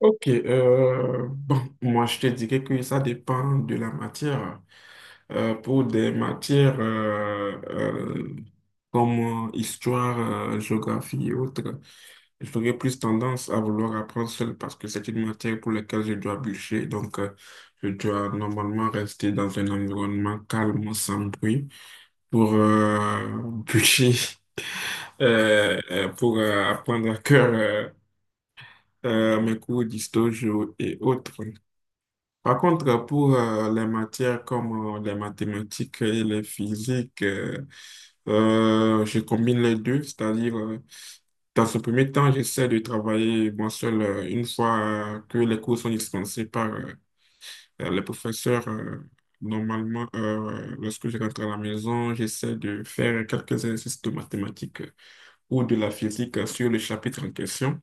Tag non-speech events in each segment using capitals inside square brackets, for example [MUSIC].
Moi je te dirais que ça dépend de la matière. Pour des matières comme histoire, géographie et autres, j'aurais plus tendance à vouloir apprendre seul parce que c'est une matière pour laquelle je dois bûcher. Donc, je dois normalement rester dans un environnement calme, sans bruit, pour bûcher, [LAUGHS] pour apprendre à cœur mes cours d'histoire géo et autres. Par contre, pour les matières comme les mathématiques et les physiques, je combine les deux, c'est-à-dire, dans ce premier temps, j'essaie de travailler moi seul une fois que les cours sont dispensés par les professeurs. Normalement, lorsque je rentre à la maison, j'essaie de faire quelques exercices de mathématiques ou de la physique sur le chapitre en question.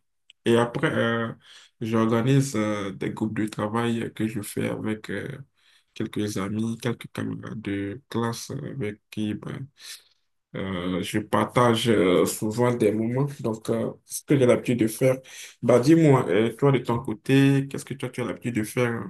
Et après, j'organise des groupes de travail que je fais avec quelques amis, quelques camarades de classe avec qui je partage souvent des moments. Donc, ce que j'ai l'habitude de faire, bah dis-moi, toi de ton côté, qu'est-ce que toi tu as l'habitude de faire?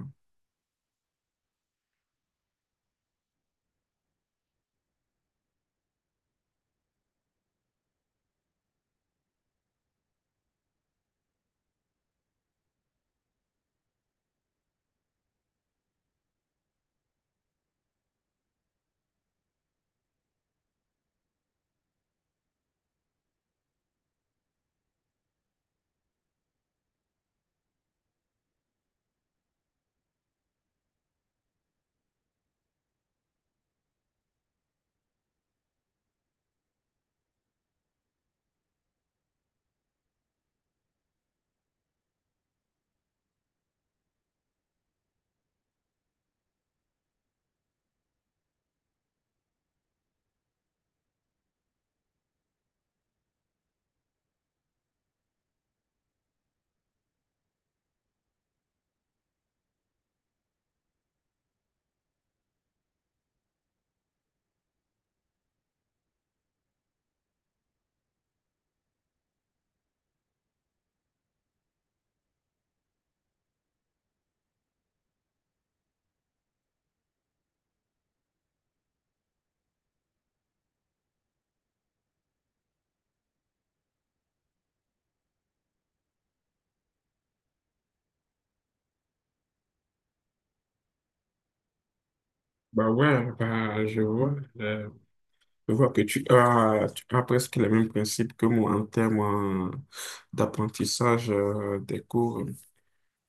Bah ouais, bah, je vois que tu as presque les mêmes principes que moi en termes d'apprentissage des cours.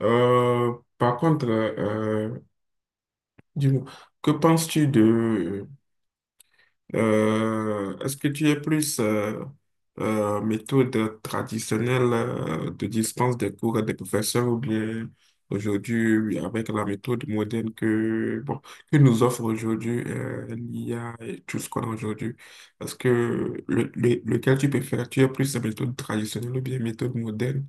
Par contre, dis-moi, que penses-tu de... est-ce que tu es plus méthode traditionnelle de dispense des cours des professeurs ou bien aujourd'hui oui, avec la méthode moderne que, bon, que nous offre aujourd'hui l'IA et tout ce qu'on a aujourd'hui? Est-ce que lequel tu préfères? Tu es plus méthode traditionnelle ou bien méthode moderne?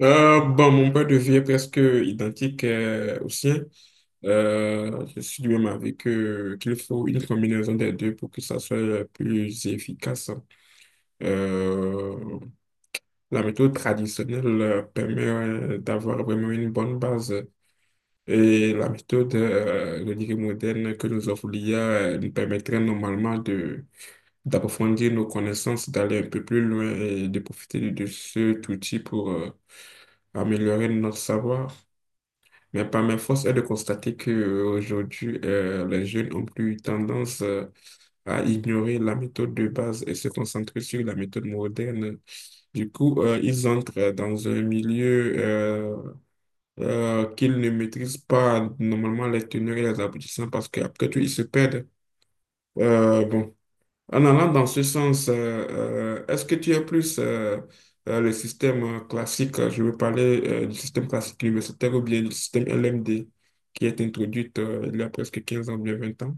Mon point de vue est presque identique au sien. Je suis du même avis que qu'il faut une combinaison des deux pour que ça soit le plus efficace. Euh, la méthode traditionnelle permet d'avoir vraiment une bonne base, et la méthode je dirais moderne que nous offre l'IA nous permettrait normalement de d'approfondir nos connaissances, d'aller un peu plus loin et de profiter de cet outil pour améliorer notre savoir. Mais par mes forces est de constater qu'aujourd'hui, les jeunes ont plus tendance à ignorer la méthode de base et se concentrer sur la méthode moderne. Du coup, ils entrent dans un milieu qu'ils ne maîtrisent pas normalement les teneurs et les aboutissants parce qu'après tout, ils se perdent. Bon. En allant dans ce sens, est-ce que tu es plus le système classique, je veux parler du système classique universitaire ou bien du système LMD qui est introduit il y a presque 15 ans, bien 20 ans?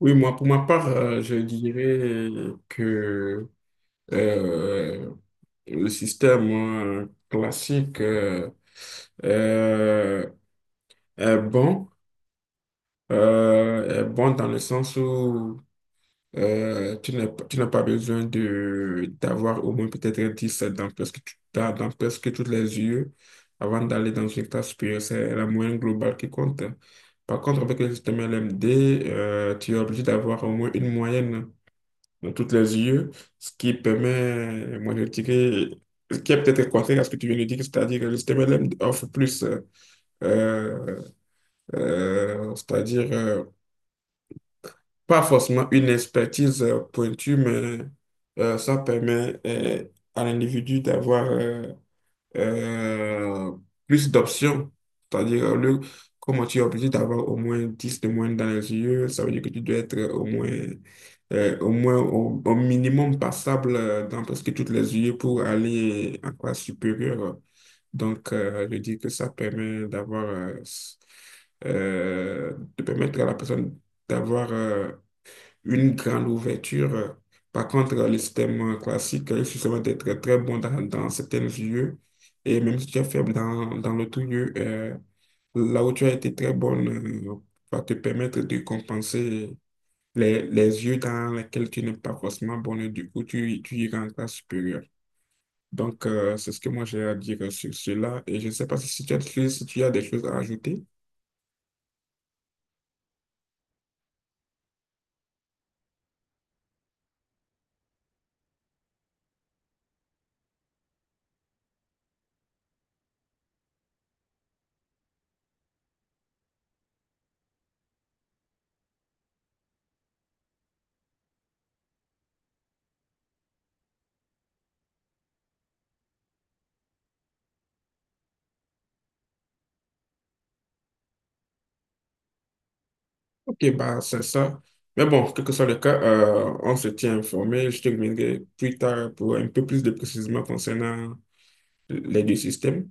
Oui, moi, pour ma part, je dirais que euh, le système classique euh, est bon, est bon dans le sens où tu n'as pas besoin de d'avoir au moins peut-être un 10 dans dans, dans presque toutes les UE avant d'aller dans une classe supérieure. C'est la moyenne globale qui compte. Par contre, avec le système LMD, tu es obligé d'avoir au moins une moyenne dans toutes les UE, ce qui permet, moi je dirais, ce qui est peut-être contraire à ce que tu viens de dire, c'est-à-dire que le système LMD offre plus, euh, c'est-à-dire pas forcément une expertise pointue, mais ça permet à l'individu d'avoir euh, plus d'options. C'est-à-dire, le, comment tu es obligé d'avoir au moins 10 de moins dans les yeux, ça veut dire que tu dois être au moins, au moins au minimum passable dans presque toutes les yeux pour aller en classe supérieure. Donc, je dis que ça permet d'avoir, euh, de permettre à la personne d'avoir une grande ouverture. Par contre, le système classique, il suffit seulement d'être très bon dans, dans certains lieux. Et même si tu es faible dans, dans l'autre lieu, là où tu as été très bonne, va te permettre de compenser les yeux dans lesquels tu n'es pas forcément bonne. Du coup, tu iras en classe supérieure. Donc, c'est ce que moi j'ai à dire sur cela. Et je ne sais pas si tu as, si tu as des choses à ajouter. Ok, bah, c'est ça. Mais bon, quel que soit le cas, on se tient informé. Je te reviendrai plus tard pour un peu plus de précisions concernant les deux systèmes.